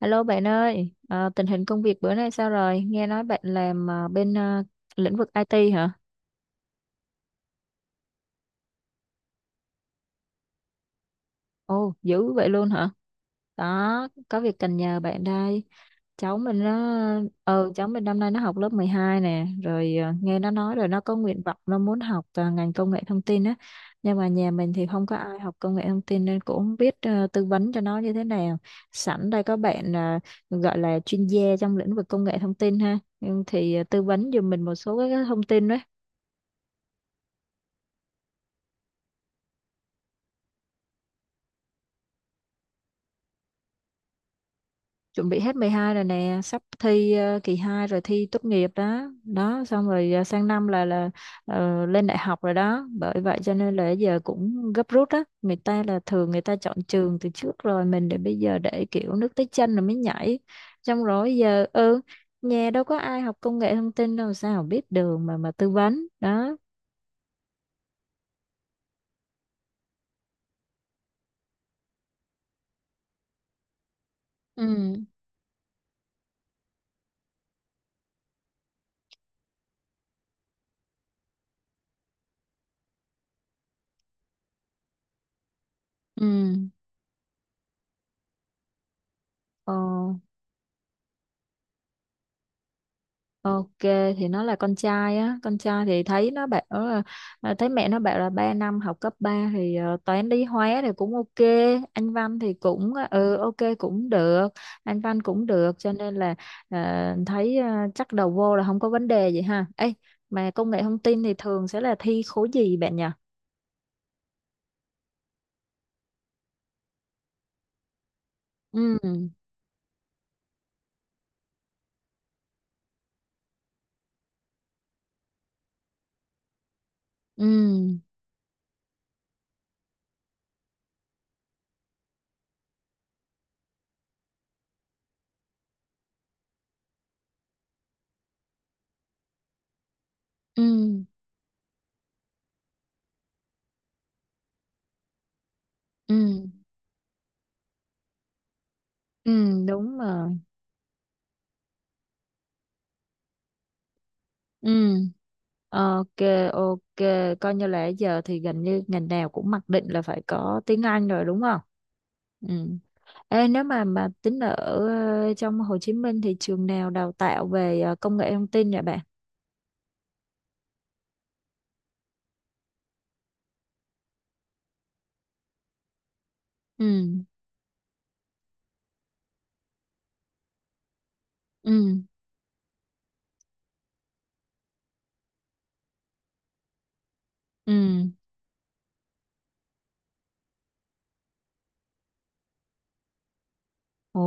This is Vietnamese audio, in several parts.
Alo bạn ơi, tình hình công việc bữa nay sao rồi? Nghe nói bạn làm bên lĩnh vực IT hả? Ồ, dữ vậy luôn hả? Đó, có việc cần nhờ bạn đây. Cháu mình nó cháu mình năm nay nó học lớp 12 nè, rồi nghe nó nói rồi nó có nguyện vọng nó muốn học ngành công nghệ thông tin á. Nhưng mà nhà mình thì không có ai học công nghệ thông tin nên cũng không biết tư vấn cho nó như thế nào. Sẵn đây có bạn gọi là chuyên gia trong lĩnh vực công nghệ thông tin ha. Nhưng thì tư vấn giùm mình một số cái thông tin đó. Chuẩn bị hết 12 rồi nè, sắp thi kỳ 2 rồi thi tốt nghiệp đó đó, xong rồi sang năm là lên đại học rồi đó. Bởi vậy cho nên là giờ cũng gấp rút á, người ta là thường người ta chọn trường từ trước rồi, mình để bây giờ để kiểu nước tới chân rồi mới nhảy. Xong rồi giờ ừ, nhà đâu có ai học công nghệ thông tin đâu sao biết đường mà tư vấn đó. Ừ, ừ. Ờ. Ok, thì nó là con trai á, con trai thì thấy nó bảo là, à, thấy mẹ nó bảo là 3 năm học cấp 3 thì toán lý hóa thì cũng ok, anh văn thì cũng ok cũng được. Anh văn cũng được cho nên là ờ, thấy chắc đầu vô là không có vấn đề gì ha ấy. Mà công nghệ thông tin thì thường sẽ là thi khối gì bạn nhỉ? Ừ, ừ, ừ, ừ, ừ. Đúng rồi. Ừ. Ok, ok, coi như là giờ thì gần như ngành nào cũng mặc định là phải có tiếng Anh rồi đúng không? Ừ. Ê, nếu mà tính ở trong Hồ Chí Minh thì trường nào đào tạo về công nghệ thông tin vậy bạn? Ừ, ừ, ừ, ồ,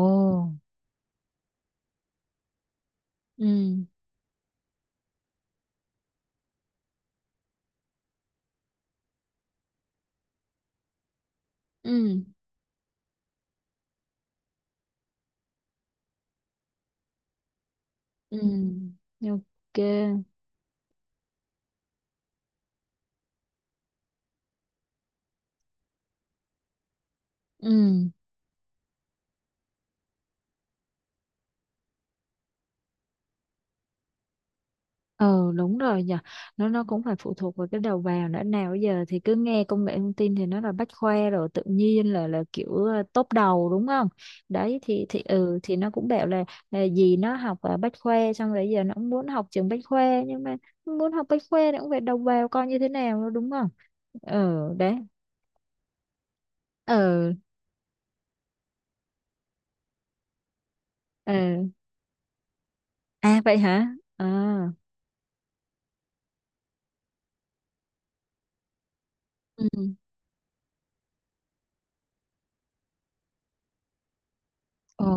ừ, ừ, ừ, ok, ừ. Ừ đúng rồi, nhờ nó cũng phải phụ thuộc vào cái đầu vào nữa. Nào bây giờ thì cứ nghe công nghệ thông tin thì nó là bách khoa rồi tự nhiên là kiểu top đầu đúng không? Đấy, thì ừ thì nó cũng bảo là gì nó học ở bách khoa, xong rồi giờ nó cũng muốn học trường bách khoa nhưng mà muốn học bách khoa thì cũng phải đầu vào coi như thế nào đúng không? Ừ, đấy. Ừ, ừ. À vậy hả? À, ừ, ồ,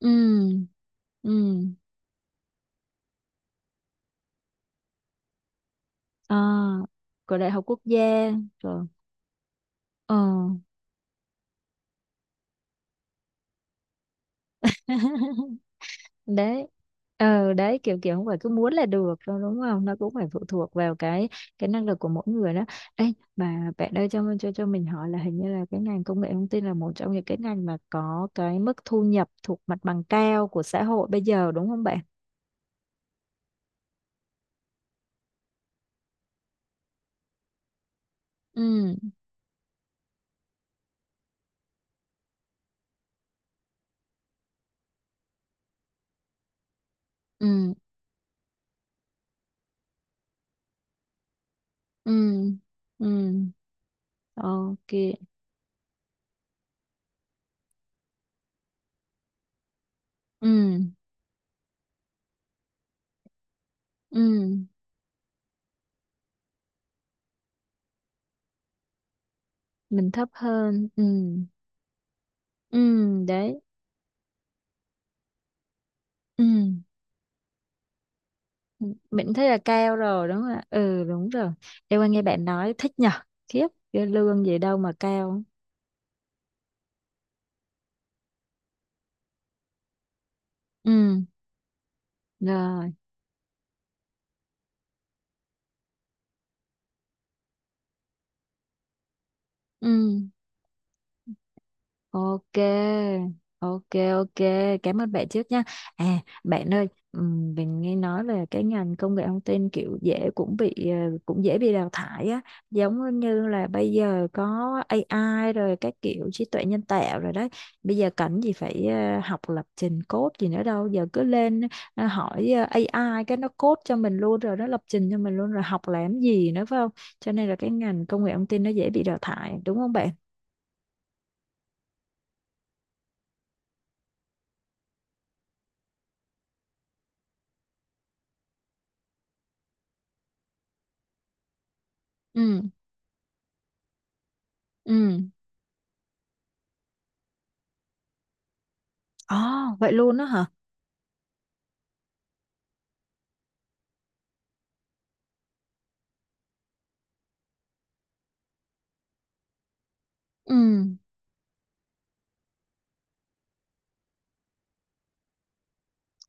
ừ, ừ. À của đại học quốc gia, rồi. Ờ. Đấy. Ờ, đấy kiểu kiểu không phải cứ muốn là được đâu đúng không, nó cũng phải phụ thuộc vào cái năng lực của mỗi người đó. Ê, mà bạn ơi, cho mình hỏi là hình như là cái ngành công nghệ thông tin là một trong những cái ngành mà có cái mức thu nhập thuộc mặt bằng cao của xã hội bây giờ đúng không bạn? Ừ, ừ, ừ, ừ, ok, ừ, ừ, mình thấp hơn, ừ, ừ, đấy, ừ, mình thấy là cao rồi đúng không ạ? Ừ, đúng rồi, em nghe bạn nói thích nhở. Khiếp, cái lương gì đâu mà cao. Ừ, rồi, ừ. Ok, ok, ok. Cảm ơn bạn trước nha. À, bạn ơi, mình nghe nói là cái ngành công nghệ thông tin kiểu dễ cũng bị cũng dễ bị đào thải á, giống như là bây giờ có AI rồi các kiểu trí tuệ nhân tạo rồi đấy. Bây giờ cần gì phải học lập trình code gì nữa đâu, giờ cứ lên hỏi AI cái nó code cho mình luôn rồi, nó lập trình cho mình luôn rồi học làm gì nữa phải không? Cho nên là cái ngành công nghệ thông tin nó dễ bị đào thải, đúng không bạn? Ừ, ừ. Ồ, vậy luôn á hả? Ừ,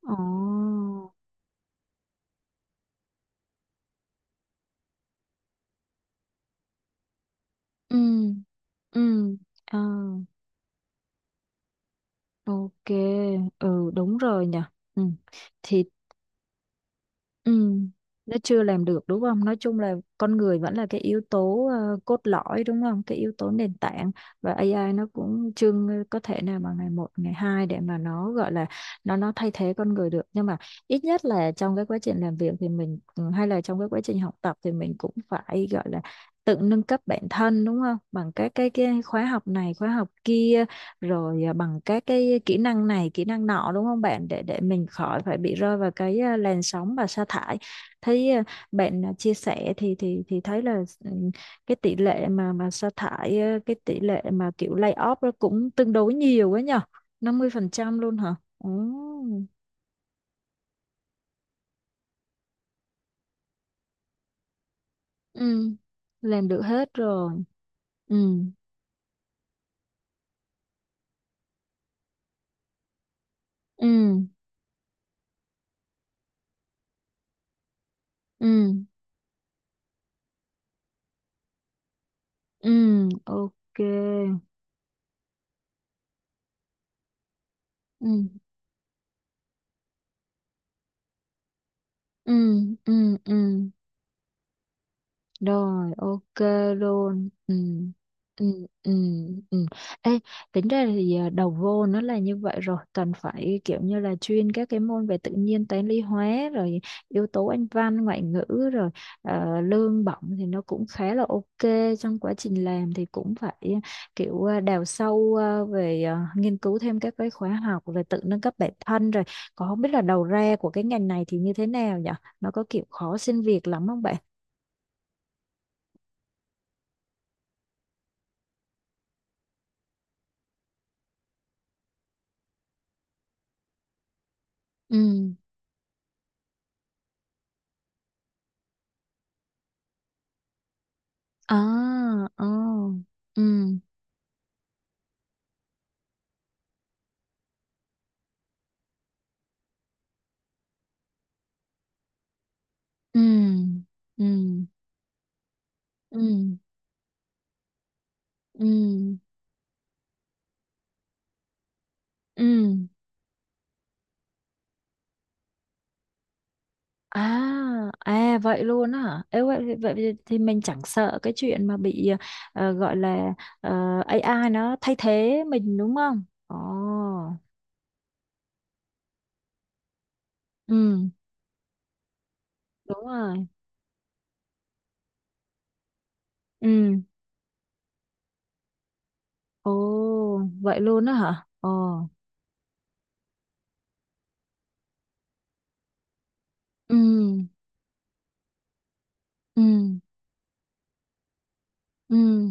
ồ, ừ, ừ, à, ok, ừ đúng rồi nhỉ. Ừ. Thì ừ, nó chưa làm được đúng không? Nói chung là con người vẫn là cái yếu tố cốt lõi đúng không? Cái yếu tố nền tảng và AI nó cũng chưa có thể nào mà ngày một, ngày hai để mà nó gọi là nó thay thế con người được. Nhưng mà ít nhất là trong cái quá trình làm việc thì mình hay là trong cái quá trình học tập thì mình cũng phải gọi là tự nâng cấp bản thân đúng không? Bằng các cái khóa học này, khóa học kia, rồi à, bằng các cái kỹ năng này kỹ năng nọ đúng không bạn, để mình khỏi phải bị rơi vào cái à, làn sóng và sa thải. Thấy à, bạn à, chia sẻ thì thì thấy là cái tỷ lệ mà sa thải à, cái tỷ lệ mà kiểu lay off đó cũng tương đối nhiều ấy nhở, 50% luôn hả? Ồ, ừ, làm được hết rồi. Ừ, ừ, ừ, ừ, ok, ừ, ừ, ừ, ừ. Rồi, ok luôn. Ừ. Ừ, ừ, ừ. Ê, tính ra thì à, đầu vô nó là như vậy rồi, cần phải kiểu như là chuyên các cái môn về tự nhiên toán lý hóa, rồi yếu tố anh văn ngoại ngữ, rồi lương bổng thì nó cũng khá là ok, trong quá trình làm thì cũng phải kiểu à, đào sâu à, về à, nghiên cứu thêm các cái khóa học rồi tự nâng cấp bản thân, rồi còn không biết là đầu ra của cái ngành này thì như thế nào nhỉ, nó có kiểu khó xin việc lắm không bạn? Ừ. À, ờ, ừ, ừ, ừ, ừ, ừ, ừ. À, à vậy luôn á hả? Ê, vậy thì mình chẳng sợ cái chuyện mà bị gọi là AI nó thay thế mình đúng không? Ồ, ừ, đúng rồi. Ừ, ồ, vậy luôn á hả? Ồ, ừ, ừ, ừ.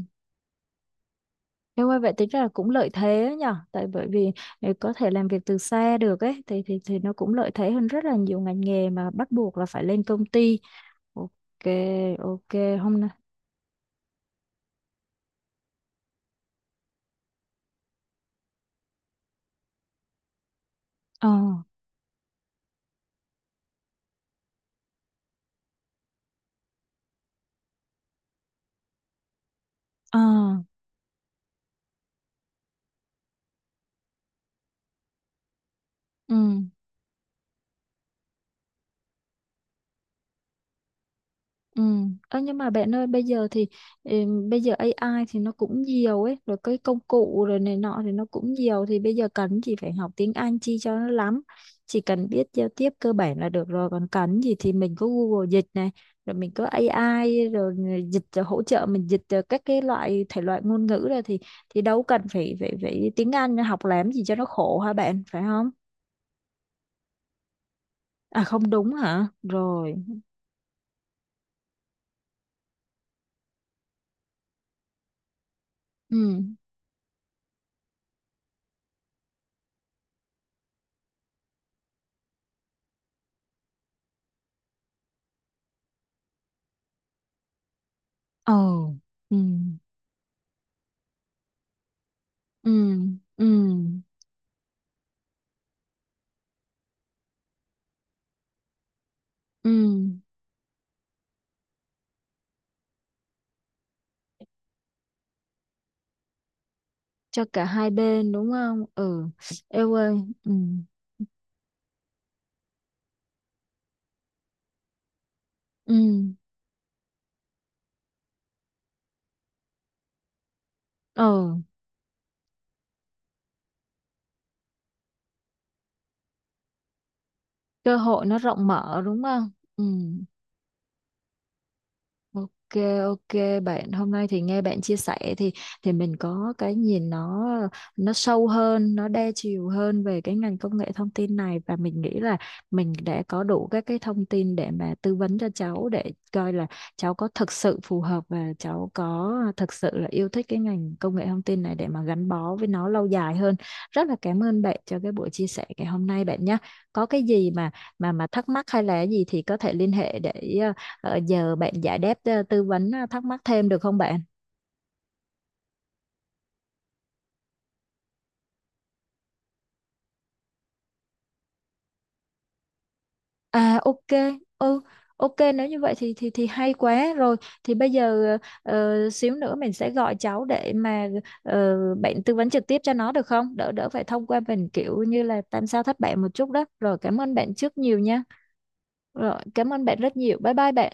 Nếu mà vậy tính ra là cũng lợi thế ấy nhở, tại bởi vì có thể làm việc từ xa được ấy thì thì nó cũng lợi thế hơn rất là nhiều ngành nghề mà bắt buộc là phải lên công ty. Ok, ok, hôm nay, ờ, ờ, ừ. Ừ. Ơ, nhưng mà bạn ơi bây giờ thì bây giờ AI thì nó cũng nhiều ấy rồi, cái công cụ rồi này nọ thì nó cũng nhiều, thì bây giờ cần gì phải học tiếng Anh chi cho nó lắm, chỉ cần biết giao tiếp cơ bản là được rồi, còn cần gì thì mình có Google dịch này, rồi mình có AI rồi dịch rồi hỗ trợ mình dịch các cái loại thể loại ngôn ngữ ra thì đâu cần phải phải phải tiếng Anh học làm gì cho nó khổ hả bạn, phải không? À không đúng hả, rồi, ừ, ồ, ừ, ừ, ừ, ừ, cho cả hai bên đúng không? Ừ, yêu ơi, ừ, ừ, ờ, cơ hội nó rộng mở đúng không? Ừ. Ok, ok bạn, hôm nay thì nghe bạn chia sẻ thì mình có cái nhìn nó sâu hơn, nó đa chiều hơn về cái ngành công nghệ thông tin này và mình nghĩ là mình đã có đủ các cái thông tin để mà tư vấn cho cháu để coi là cháu có thực sự phù hợp và cháu có thực sự là yêu thích cái ngành công nghệ thông tin này để mà gắn bó với nó lâu dài hơn. Rất là cảm ơn bạn cho cái buổi chia sẻ ngày hôm nay bạn nhé. Có cái gì mà thắc mắc hay là gì thì có thể liên hệ để, giờ bạn giải đáp tư vấn thắc mắc thêm được không bạn? À ok, ừ, ok nếu như vậy thì thì hay quá rồi. Thì bây giờ xíu nữa mình sẽ gọi cháu để mà bạn tư vấn trực tiếp cho nó được không? Đỡ đỡ phải thông qua mình kiểu như là tam sao thất bại một chút đó. Rồi cảm ơn bạn trước nhiều nha. Rồi cảm ơn bạn rất nhiều. Bye bye bạn.